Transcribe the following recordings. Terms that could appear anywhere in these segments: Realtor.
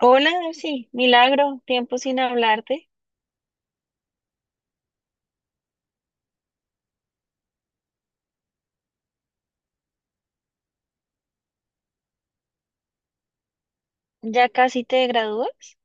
Hola, sí, milagro, tiempo sin hablarte. ¿Ya casi te gradúas?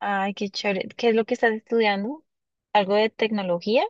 Ay, qué chévere. ¿Qué es lo que estás estudiando? ¿Algo de tecnología?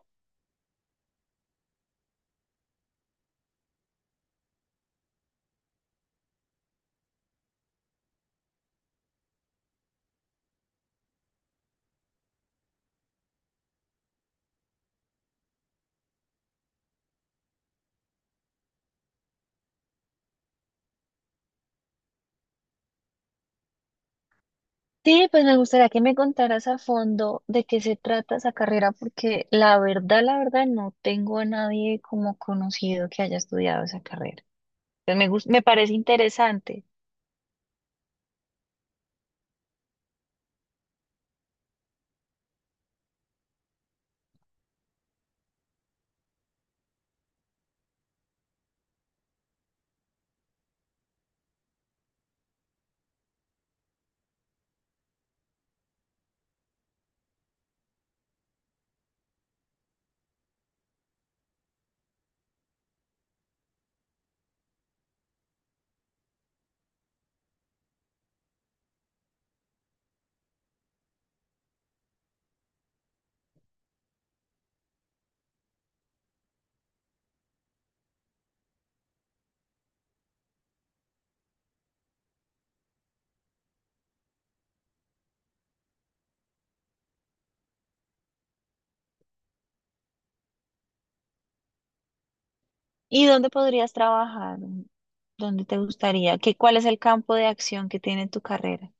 Sí, pues me gustaría que me contaras a fondo de qué se trata esa carrera, porque la verdad, no tengo a nadie como conocido que haya estudiado esa carrera. Me parece interesante. ¿Y dónde podrías trabajar? ¿Dónde te gustaría? ¿ cuál es el campo de acción que tiene tu carrera?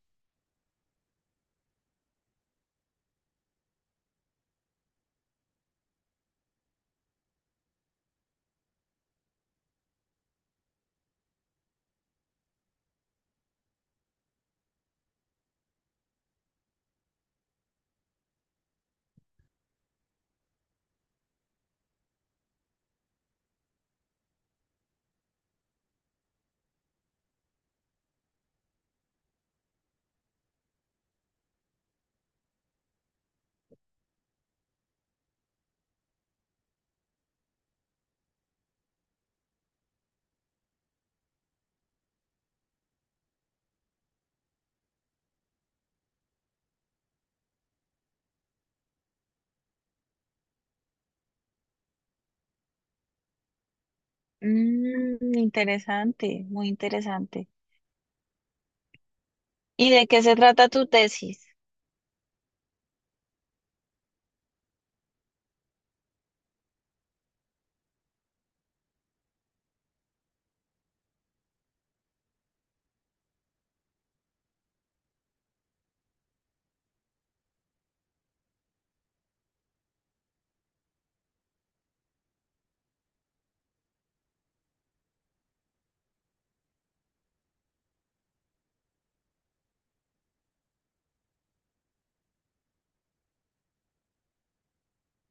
Mm, interesante, muy interesante. ¿Y de qué se trata tu tesis?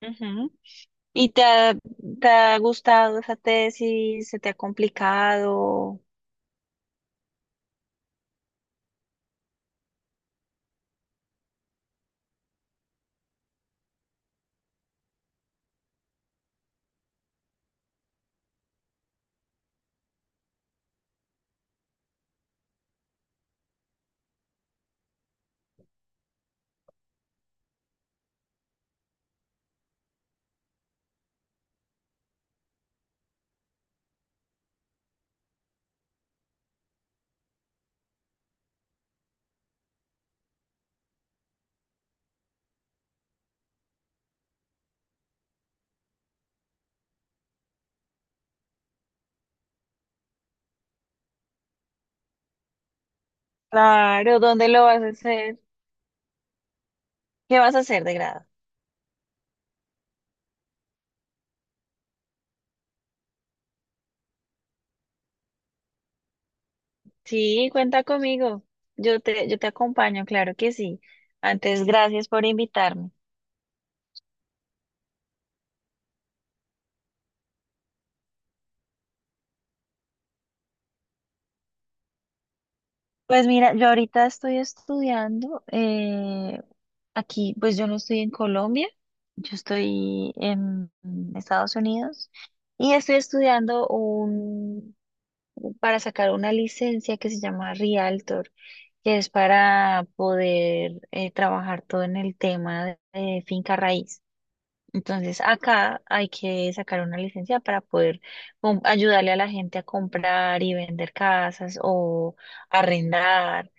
Ujú. ¿Y te ha, te ha gustado esa tesis? ¿Se te ha complicado? Claro, ¿dónde lo vas a hacer? ¿Qué vas a hacer de grado? Sí, cuenta conmigo. Yo te acompaño, claro que sí. Antes, gracias por invitarme. Pues mira, yo ahorita estoy estudiando aquí, pues yo no estoy en Colombia, yo estoy en Estados Unidos y estoy estudiando un para sacar una licencia que se llama Realtor, que es para poder trabajar todo en el tema de finca raíz. Entonces, acá hay que sacar una licencia para poder ayudarle a la gente a comprar y vender casas o arrendar.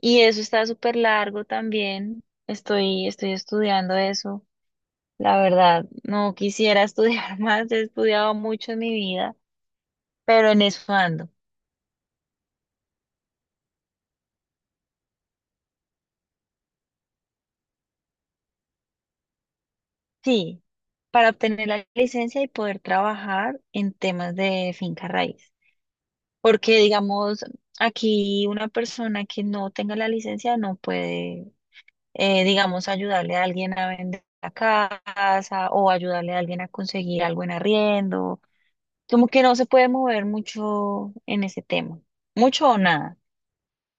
Y eso está súper largo también. Estoy estudiando eso. La verdad, no quisiera estudiar más, he estudiado mucho en mi vida, pero en eso ando. Sí, para obtener la licencia y poder trabajar en temas de finca raíz. Porque, digamos, aquí una persona que no tenga la licencia no puede, digamos, ayudarle a alguien a vender la casa o ayudarle a alguien a conseguir algo en arriendo. Como que no se puede mover mucho en ese tema. Mucho o nada.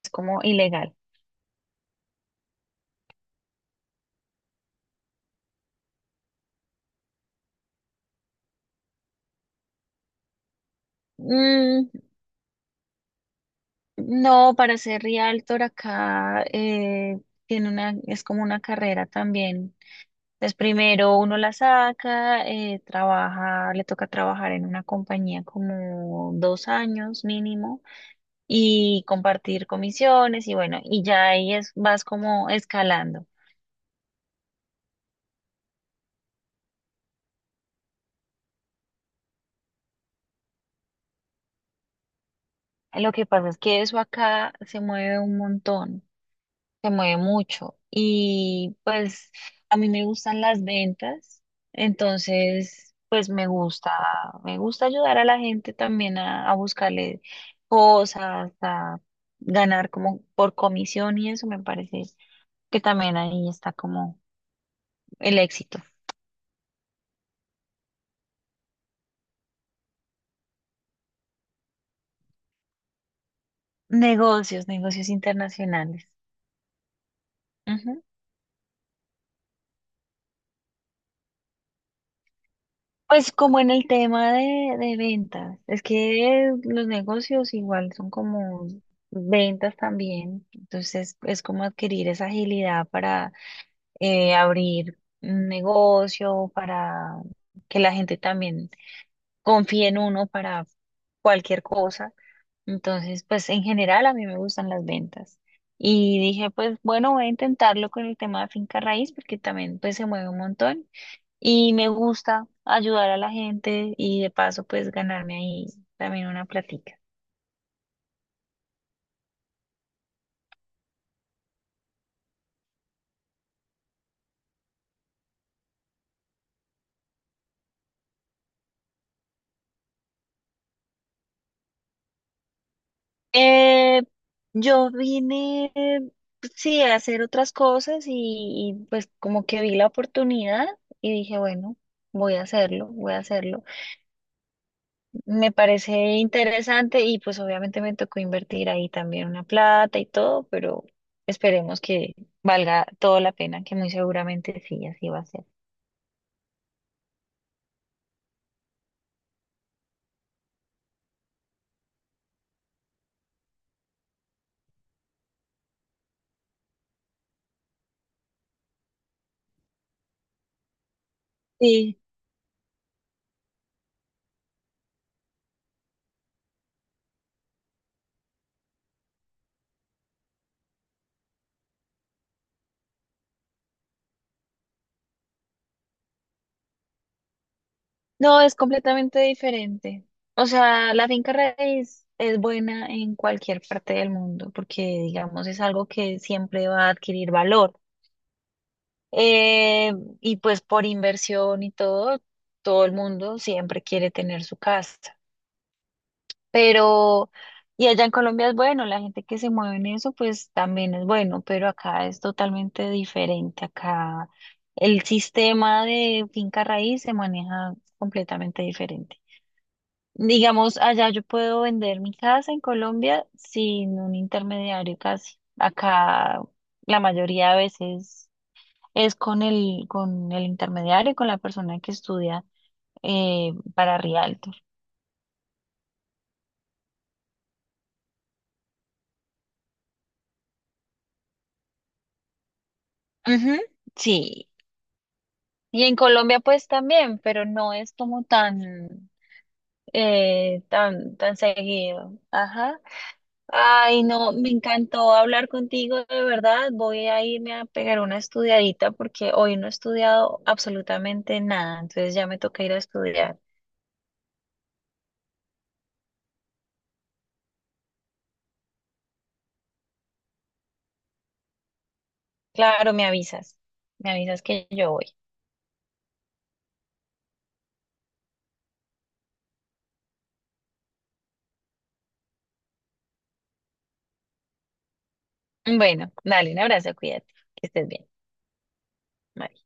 Es como ilegal. Mm, no, para ser realtor acá tiene una, es como una carrera también. Entonces, primero uno la saca, trabaja, le toca trabajar en una compañía como dos años mínimo y compartir comisiones y bueno, y ya ahí es, vas como escalando. Lo que pasa es que eso acá se mueve un montón. Se mueve mucho y pues a mí me gustan las ventas, entonces pues me gusta ayudar a la gente también a buscarle cosas, a ganar como por comisión y eso me parece que también ahí está como el éxito. Negocios, negocios internacionales. Pues como en el tema de ventas, es que los negocios igual son como ventas también, entonces es como adquirir esa agilidad para abrir un negocio, para que la gente también confíe en uno para cualquier cosa. Entonces, pues en general a mí me gustan las ventas. Y dije, pues bueno, voy a intentarlo con el tema de finca raíz porque también pues se mueve un montón. Y me gusta ayudar a la gente y de paso pues ganarme ahí también una platica. Eh, yo vine, sí, a hacer otras cosas y, pues como que vi la oportunidad y dije, bueno, voy a hacerlo, voy a hacerlo. Me parece interesante y pues obviamente me tocó invertir ahí también una plata y todo, pero esperemos que valga toda la pena, que muy seguramente sí, así va a ser. Sí. No, es completamente diferente. O sea, la finca raíz es buena en cualquier parte del mundo porque, digamos, es algo que siempre va a adquirir valor. Eh, y pues por inversión y todo, todo el mundo siempre quiere tener su casa. Pero, y allá en Colombia es bueno, la gente que se mueve en eso, pues también es bueno, pero acá es totalmente diferente. Acá el sistema de finca raíz se maneja completamente diferente. Digamos, allá yo puedo vender mi casa en Colombia sin un intermediario casi. Acá la mayoría de veces es con el intermediario, con la persona que estudia para Rialto. Ujú, sí. Y en Colombia pues también, pero no es como tan, tan, tan seguido. Ajá. Ay, no, me encantó hablar contigo, de verdad. Voy a irme a pegar una estudiadita porque hoy no he estudiado absolutamente nada, entonces ya me toca ir a estudiar. Claro, me avisas que yo voy. Bueno, dale un abrazo, cuídate, que estés bien. Bye.